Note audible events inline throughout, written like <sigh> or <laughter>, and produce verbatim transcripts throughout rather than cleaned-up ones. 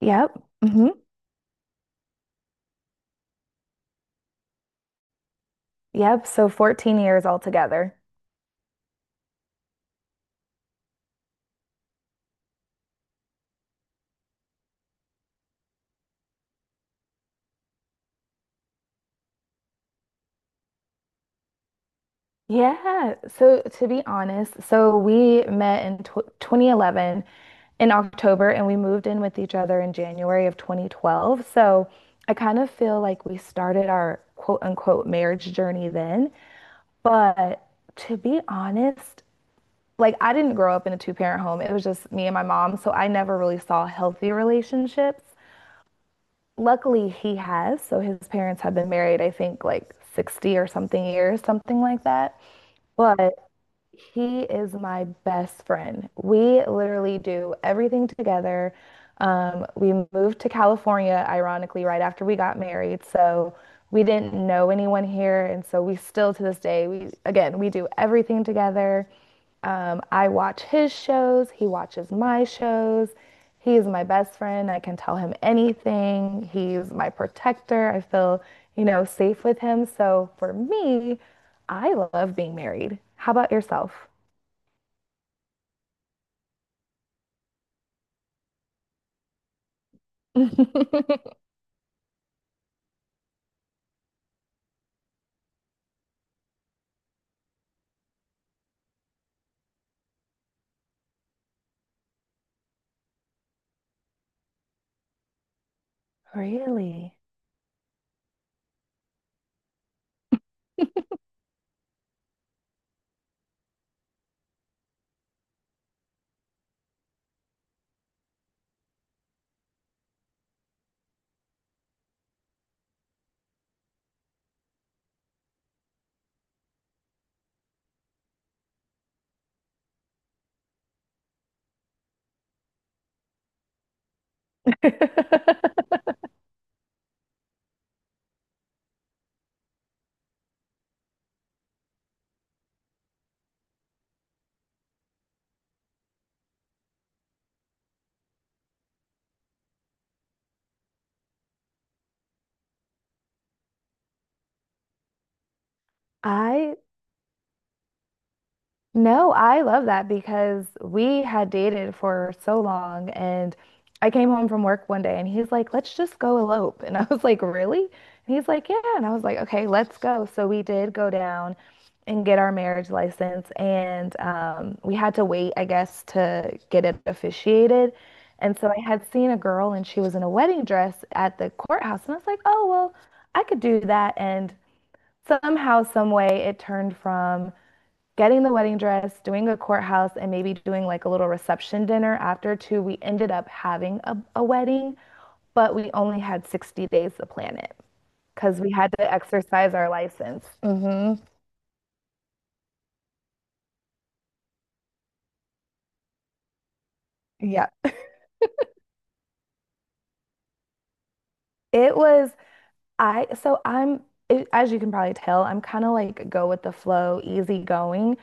Yep. Hmm. Yep. So fourteen years altogether. Yeah. So to be honest, so we met in tw twenty eleven in October, and we moved in with each other in January of twenty twelve. So I kind of feel like we started our quote unquote marriage journey then. But to be honest, like I didn't grow up in a two-parent home. It was just me and my mom, so I never really saw healthy relationships. Luckily, he has. So his parents have been married, I think, like sixty or something years, something like that. But he is my best friend. We literally do everything together. Um, we moved to California, ironically, right after we got married. So we didn't know anyone here. And so we still, to this day, we, again, we do everything together. Um, I watch his shows, he watches my shows. He is my best friend. I can tell him anything. He's my protector. I feel, you know, safe with him. So for me, I love being married. How about yourself? Really? <laughs> I No, I love that because we had dated for so long, and I came home from work one day and he's like, "Let's just go elope." And I was like, "Really?" And he's like, "Yeah." And I was like, "Okay, let's go." So we did go down and get our marriage license, and um, we had to wait, I guess, to get it officiated. And so I had seen a girl and she was in a wedding dress at the courthouse, and I was like, "Oh, well, I could do that." And somehow, some way, it turned from getting the wedding dress, doing a courthouse, and maybe doing like a little reception dinner after too. We ended up having a, a wedding, but we only had sixty days to plan it because we had to exercise our license. Hmm. Yeah. It was, I, so I'm, it, as you can probably tell, I'm kind of like go with the flow, easy going.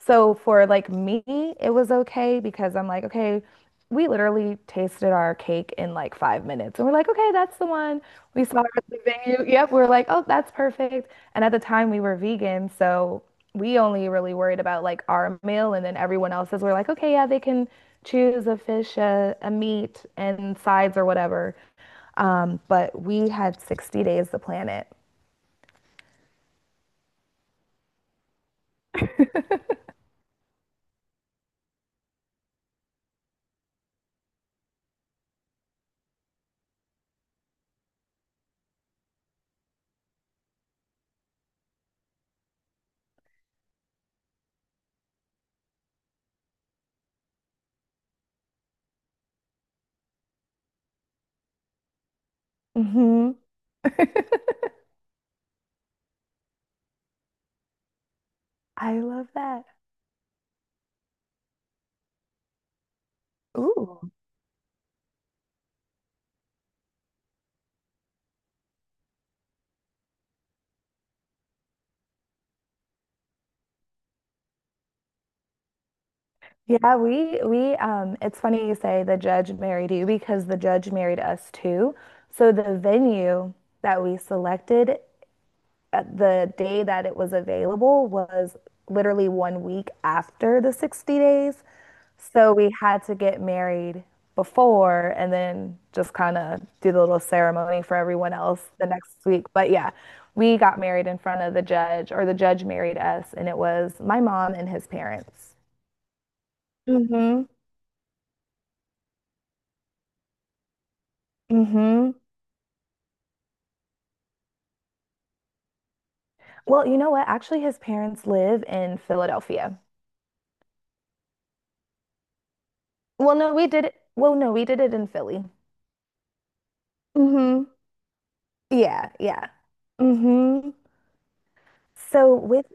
So for like me, it was okay because I'm like, okay, we literally tasted our cake in like five minutes. And we're like, okay, that's the one. We saw it at the venue. Yep, we are like, oh, that's perfect. And at the time we were vegan, so we only really worried about like our meal and then everyone else's. We're like, okay, yeah, they can choose a fish, a, a meat, and sides or whatever. Um, but we had sixty days to plan it. Hmm. <laughs> I love that. Ooh. Yeah, we we um it's funny you say the judge married you because the judge married us too. So the venue that we selected at the day that it was available was literally one week after the sixty days. So we had to get married before and then just kind of do the little ceremony for everyone else the next week. But yeah, we got married in front of the judge, or the judge married us, and it was my mom and his parents. Mhm. Hmm. Well, you know what? Actually, his parents live in Philadelphia. Well, no, we did it. Well, no, we did it in Philly. Hmm. Yeah, yeah. Hmm. So with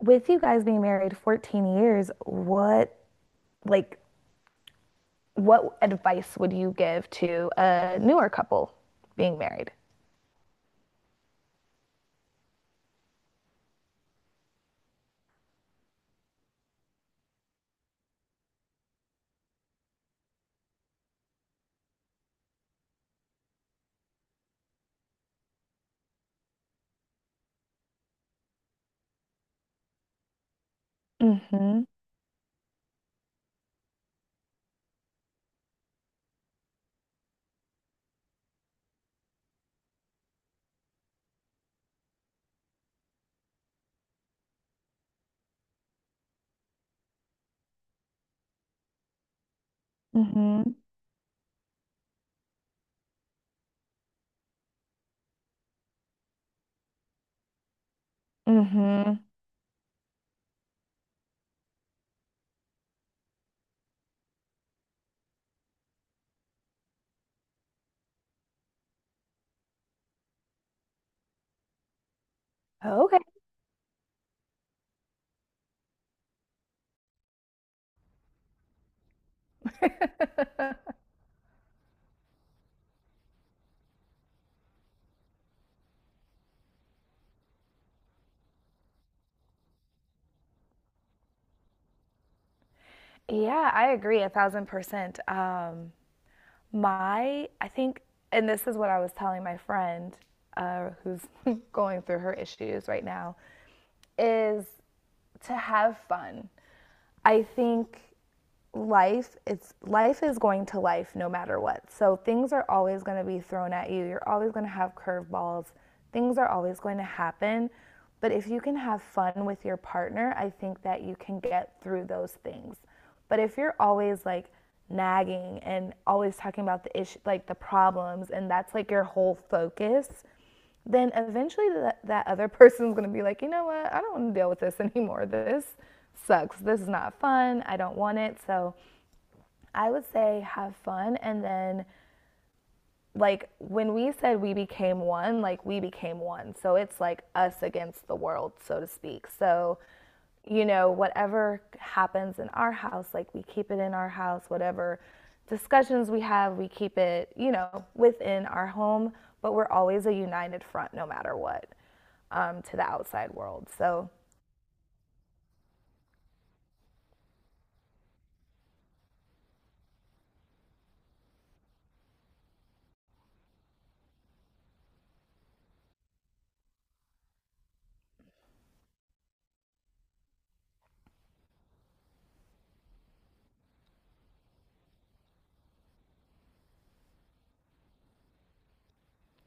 with you guys being married fourteen years, what like what advice would you give to a newer couple being married? Hmm. Hmm. Hmm. Okay. <laughs> Yeah, I agree a thousand percent. Um, My, I think, and this is what I was telling my friend, uh, who's <laughs> going through her issues right now, is to have fun. I think life it's life is going to life no matter what. So things are always going to be thrown at you. You're always going to have curveballs. Things are always going to happen, but if you can have fun with your partner, I think that you can get through those things. But if you're always like nagging and always talking about the issue, like the problems, and that's like your whole focus, then eventually that, that other <laughs> person's going to be like, you know what, I don't want to deal with this anymore. This sucks. This is not fun. I don't want it. So I would say have fun, and then like when we said we became one, like we became one. So it's like us against the world, so to speak. So you know, whatever happens in our house, like we keep it in our house, whatever discussions we have, we keep it, you know, within our home, but we're always a united front no matter what, um, to the outside world. So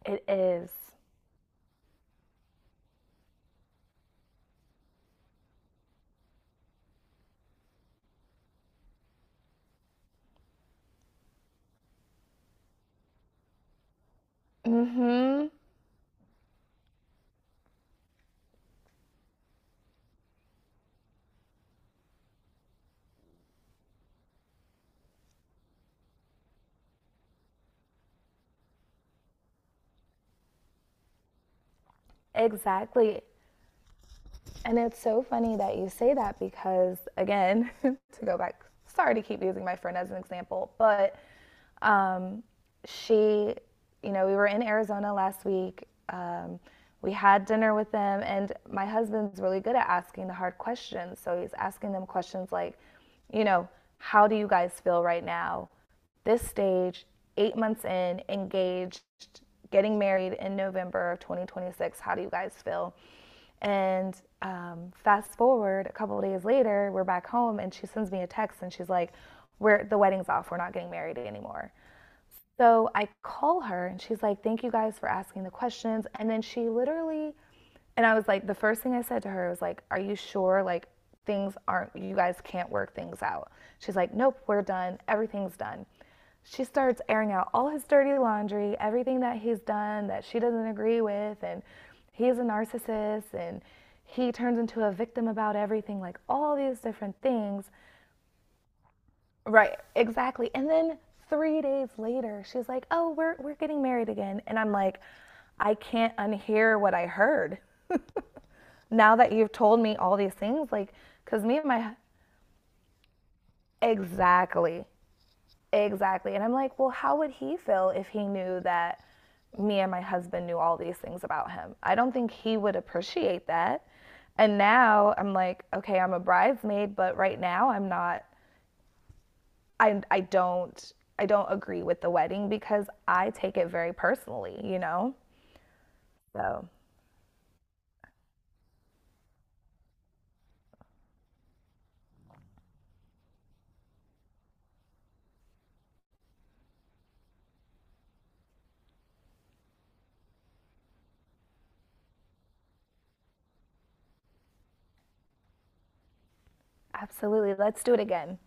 it is. Mm-hmm. Exactly. And it's so funny that you say that because, again, <laughs> to go back, sorry to keep using my friend as an example. But um, she, you know, we were in Arizona last week. Um, we had dinner with them, and my husband's really good at asking the hard questions. So he's asking them questions like, you know, how do you guys feel right now? This stage, eight months in, engaged, getting married in November of twenty twenty-six. How do you guys feel? And um, fast forward a couple of days later, we're back home, and she sends me a text, and she's like, "We're the wedding's off. We're not getting married anymore." So I call her and she's like, "Thank you guys for asking the questions." And then she literally— and I was like, the first thing I said to her was like, "Are you sure? Like, things aren't, you guys can't work things out." She's like, "Nope, we're done. Everything's done." She starts airing out all his dirty laundry, everything that he's done that she doesn't agree with. And he's a narcissist, and he turns into a victim about everything, like all these different things. Right, exactly. And then three days later, she's like, "Oh, we're we're getting married again," and I'm like, "I can't unhear what I heard now that you've told me all these things." Like, because me and my exactly, exactly, and I'm like, "Well, how would he feel if he knew that me and my husband knew all these things about him?" I don't think he would appreciate that. And now I'm like, "Okay, I'm a bridesmaid, but right now I'm not." I I don't I don't agree with the wedding because I take it very personally, you know? So, absolutely, let's do it again.